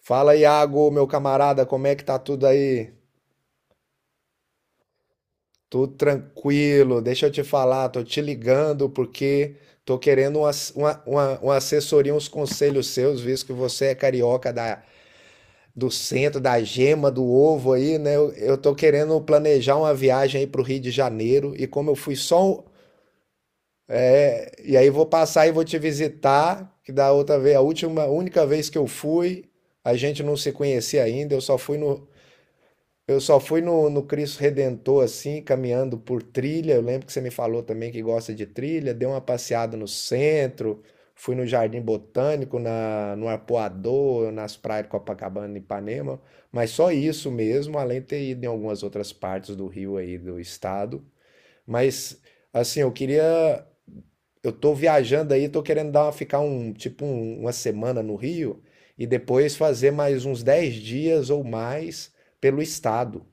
Fala, Iago, meu camarada, como é que tá tudo aí? Tudo tranquilo, deixa eu te falar, tô te ligando porque tô querendo uma assessoria, uns conselhos seus, visto que você é carioca da, do centro, da gema, do ovo aí, né? Eu tô querendo planejar uma viagem aí pro Rio de Janeiro e como eu fui só. E aí vou passar e vou te visitar, que da outra vez, a última, única vez que eu fui, a gente não se conhecia ainda, Eu só fui no Cristo Redentor, assim, caminhando por trilha. Eu lembro que você me falou também que gosta de trilha. Dei uma passeada no centro, fui no Jardim Botânico, no Arpoador, nas praias de Copacabana e Ipanema. Mas só isso mesmo, além de ter ido em algumas outras partes do Rio aí, do estado. Mas, assim, eu queria. Eu tô viajando aí, tô querendo dar, ficar um, tipo, uma semana no Rio e depois fazer mais uns 10 dias ou mais pelo estado,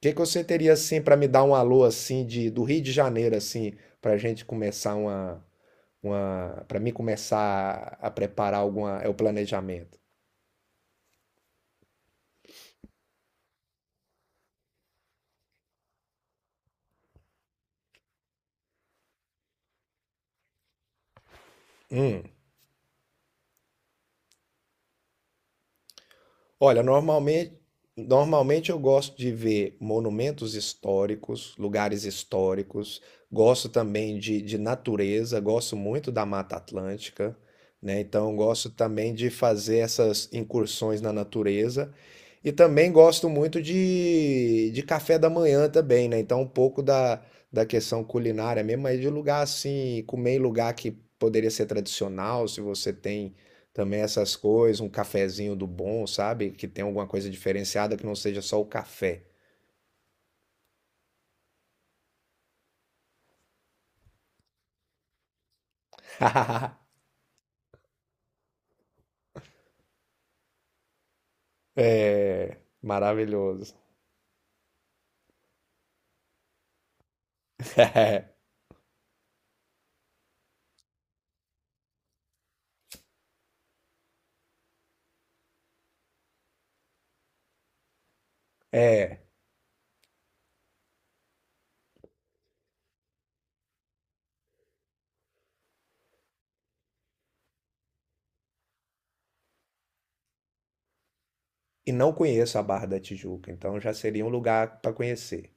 que você teria assim para me dar um alô assim de do Rio de Janeiro assim para gente começar uma para mim começar a preparar alguma é o planejamento. Hum. Olha, normalmente eu gosto de ver monumentos históricos, lugares históricos, gosto também de natureza, gosto muito da Mata Atlântica, né? Então, eu gosto também de fazer essas incursões na natureza. E também gosto muito de café da manhã também, né? Então, um pouco da, da questão culinária mesmo, mas de lugar assim, comer em lugar que poderia ser tradicional, se você tem. Também essas coisas, um cafezinho do bom, sabe? Que tem alguma coisa diferenciada que não seja só o café. Maravilhoso. É, e não conheço a Barra da Tijuca, então já seria um lugar para conhecer.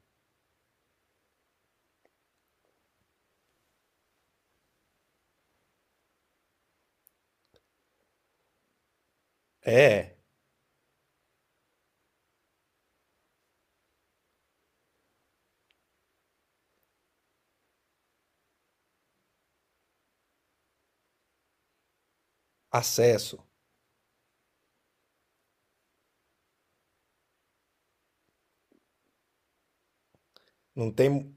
É, acesso. Não tem.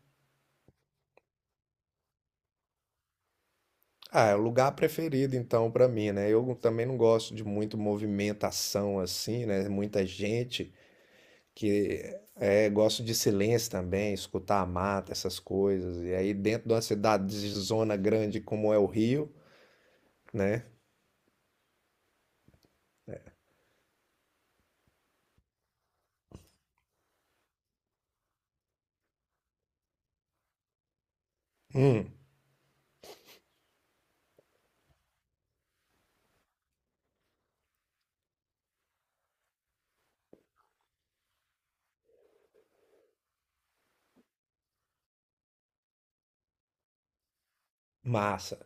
Ah, é o lugar preferido então para mim, né? Eu também não gosto de muito movimentação assim, né? Muita gente que é, gosto de silêncio também, escutar a mata, essas coisas. E aí dentro de uma cidade de zona grande como é o Rio, né? Hum, massa.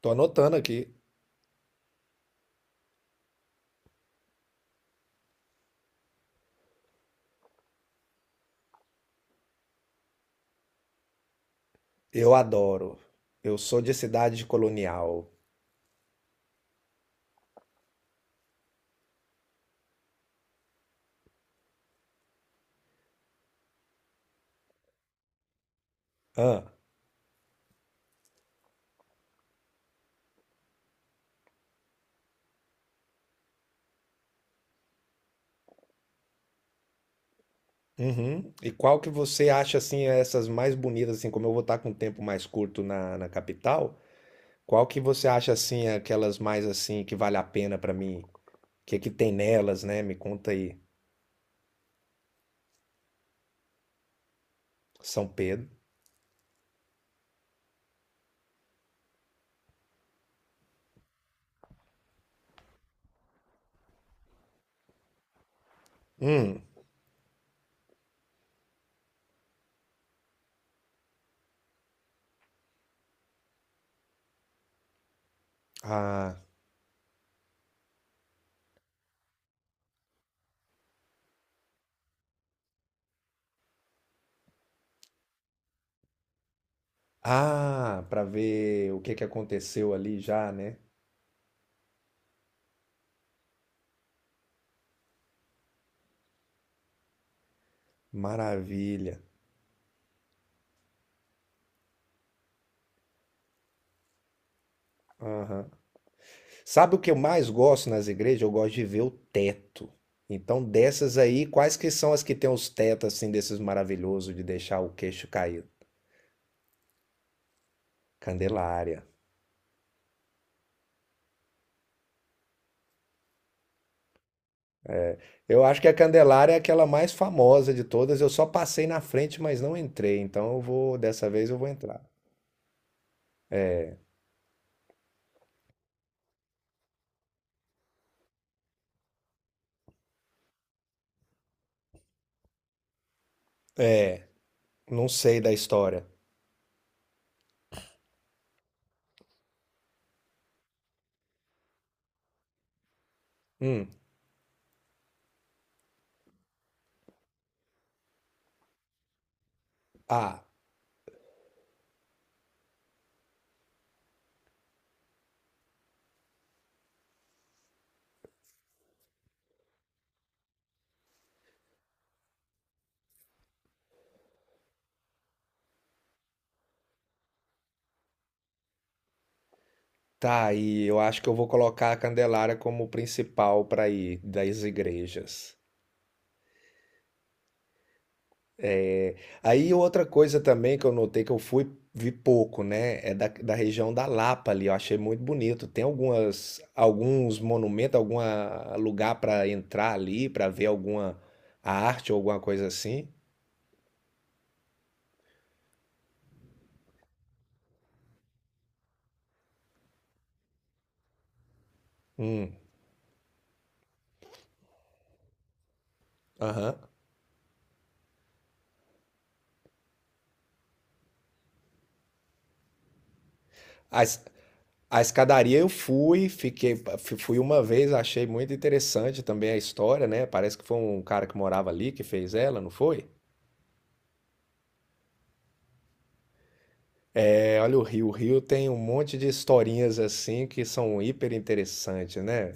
Tô anotando aqui. Eu adoro. Eu sou de cidade colonial. Ah, uhum. E qual que você acha assim é essas mais bonitas assim, como eu vou estar com um tempo mais curto na, na capital? Qual que você acha assim aquelas mais assim que vale a pena pra mim? O que é que tem nelas, né? Me conta aí. São Pedro. Hum. Ah, ah, para ver o que que aconteceu ali já, né? Maravilha. Aham. Sabe o que eu mais gosto nas igrejas? Eu gosto de ver o teto. Então, dessas aí, quais que são as que tem os tetos assim desses maravilhosos de deixar o queixo cair? Candelária. Eu acho que a Candelária é aquela mais famosa de todas. Eu só passei na frente, mas não entrei. Então, eu vou dessa vez eu vou entrar. É, não sei da história. Hum. Ah, tá aí. Eu acho que eu vou colocar a Candelária como principal para ir das igrejas. Aí outra coisa também que eu notei que eu fui vi pouco, né, é da, da região da Lapa ali, eu achei muito bonito. Tem algumas alguns monumentos, algum lugar para entrar ali, para ver alguma arte ou alguma coisa assim. Hum, aham. A, es- a escadaria eu fui, fui uma vez, achei muito interessante também a história, né? Parece que foi um cara que morava ali que fez ela, não foi? É, olha o Rio tem um monte de historinhas assim que são hiper interessantes, né?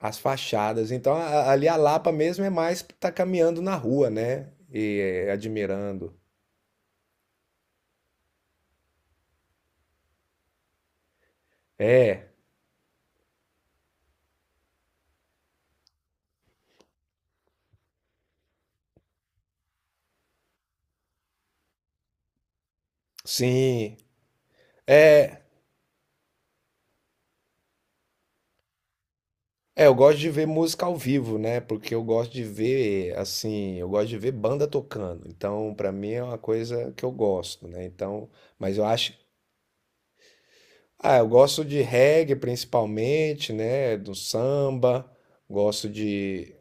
As fachadas. Então, ali a Lapa mesmo é mais tá caminhando na rua, né? E é, admirando. É, sim. É, eu gosto de ver música ao vivo, né? Porque eu gosto de ver, assim, eu gosto de ver banda tocando. Então, pra mim é uma coisa que eu gosto, né? Então, mas eu acho, ah, eu gosto de reggae principalmente, né? Do samba, gosto de.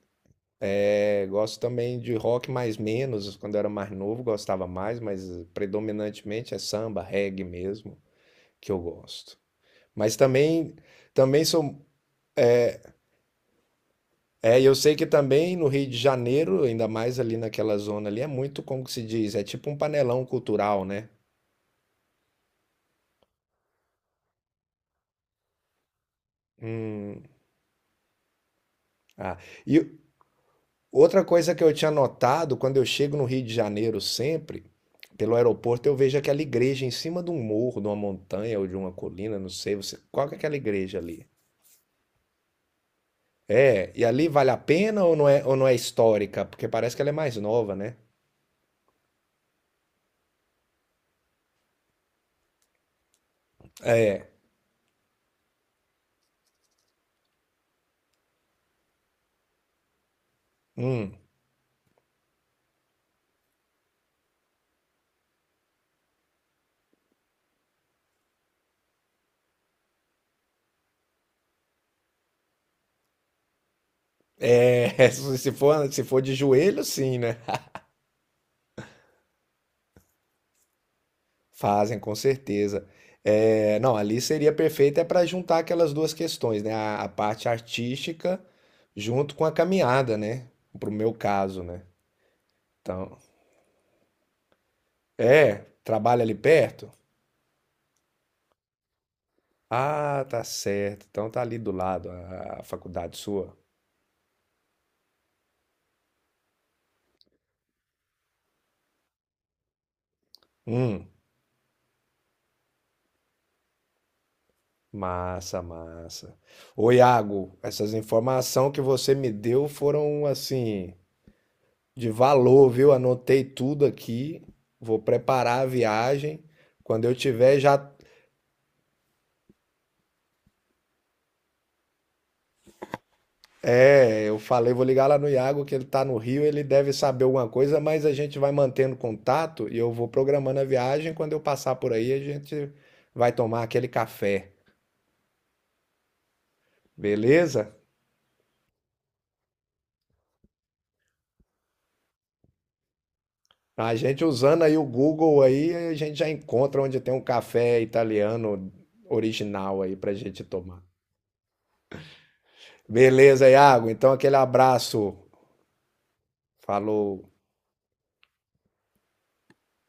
É, gosto também de rock mais menos, quando eu era mais novo gostava mais, mas predominantemente é samba, reggae mesmo, que eu gosto. Mas também, também sou, é, e eu sei que também no Rio de Janeiro, ainda mais ali naquela zona ali, é muito, como que se diz, é tipo um panelão cultural, né? Hum, ah. E outra coisa que eu tinha notado, quando eu chego no Rio de Janeiro sempre, pelo aeroporto, eu vejo aquela igreja em cima de um morro, de uma montanha ou de uma colina, não sei, você, qual que é aquela igreja ali? É, e ali vale a pena ou não é histórica? Porque parece que ela é mais nova, né? É, hum, é, se for, se for de joelho, sim, né? Fazem, com certeza. É, não, ali seria perfeito é para juntar aquelas duas questões, né? A parte artística junto com a caminhada, né? Pro meu caso, né? Então, é, trabalha ali perto? Ah, tá certo. Então tá ali do lado a faculdade sua. Hum. Massa, massa. Ô, Iago, essas informações que você me deu foram assim de valor, viu? Anotei tudo aqui. Vou preparar a viagem. Quando eu tiver já, é, eu falei, vou ligar lá no Iago que ele tá no Rio, ele deve saber alguma coisa, mas a gente vai mantendo contato e eu vou programando a viagem. Quando eu passar por aí, a gente vai tomar aquele café. Beleza? A gente usando aí o Google aí, a gente já encontra onde tem um café italiano original aí pra gente tomar. Beleza, Iago. Então aquele abraço. Falou.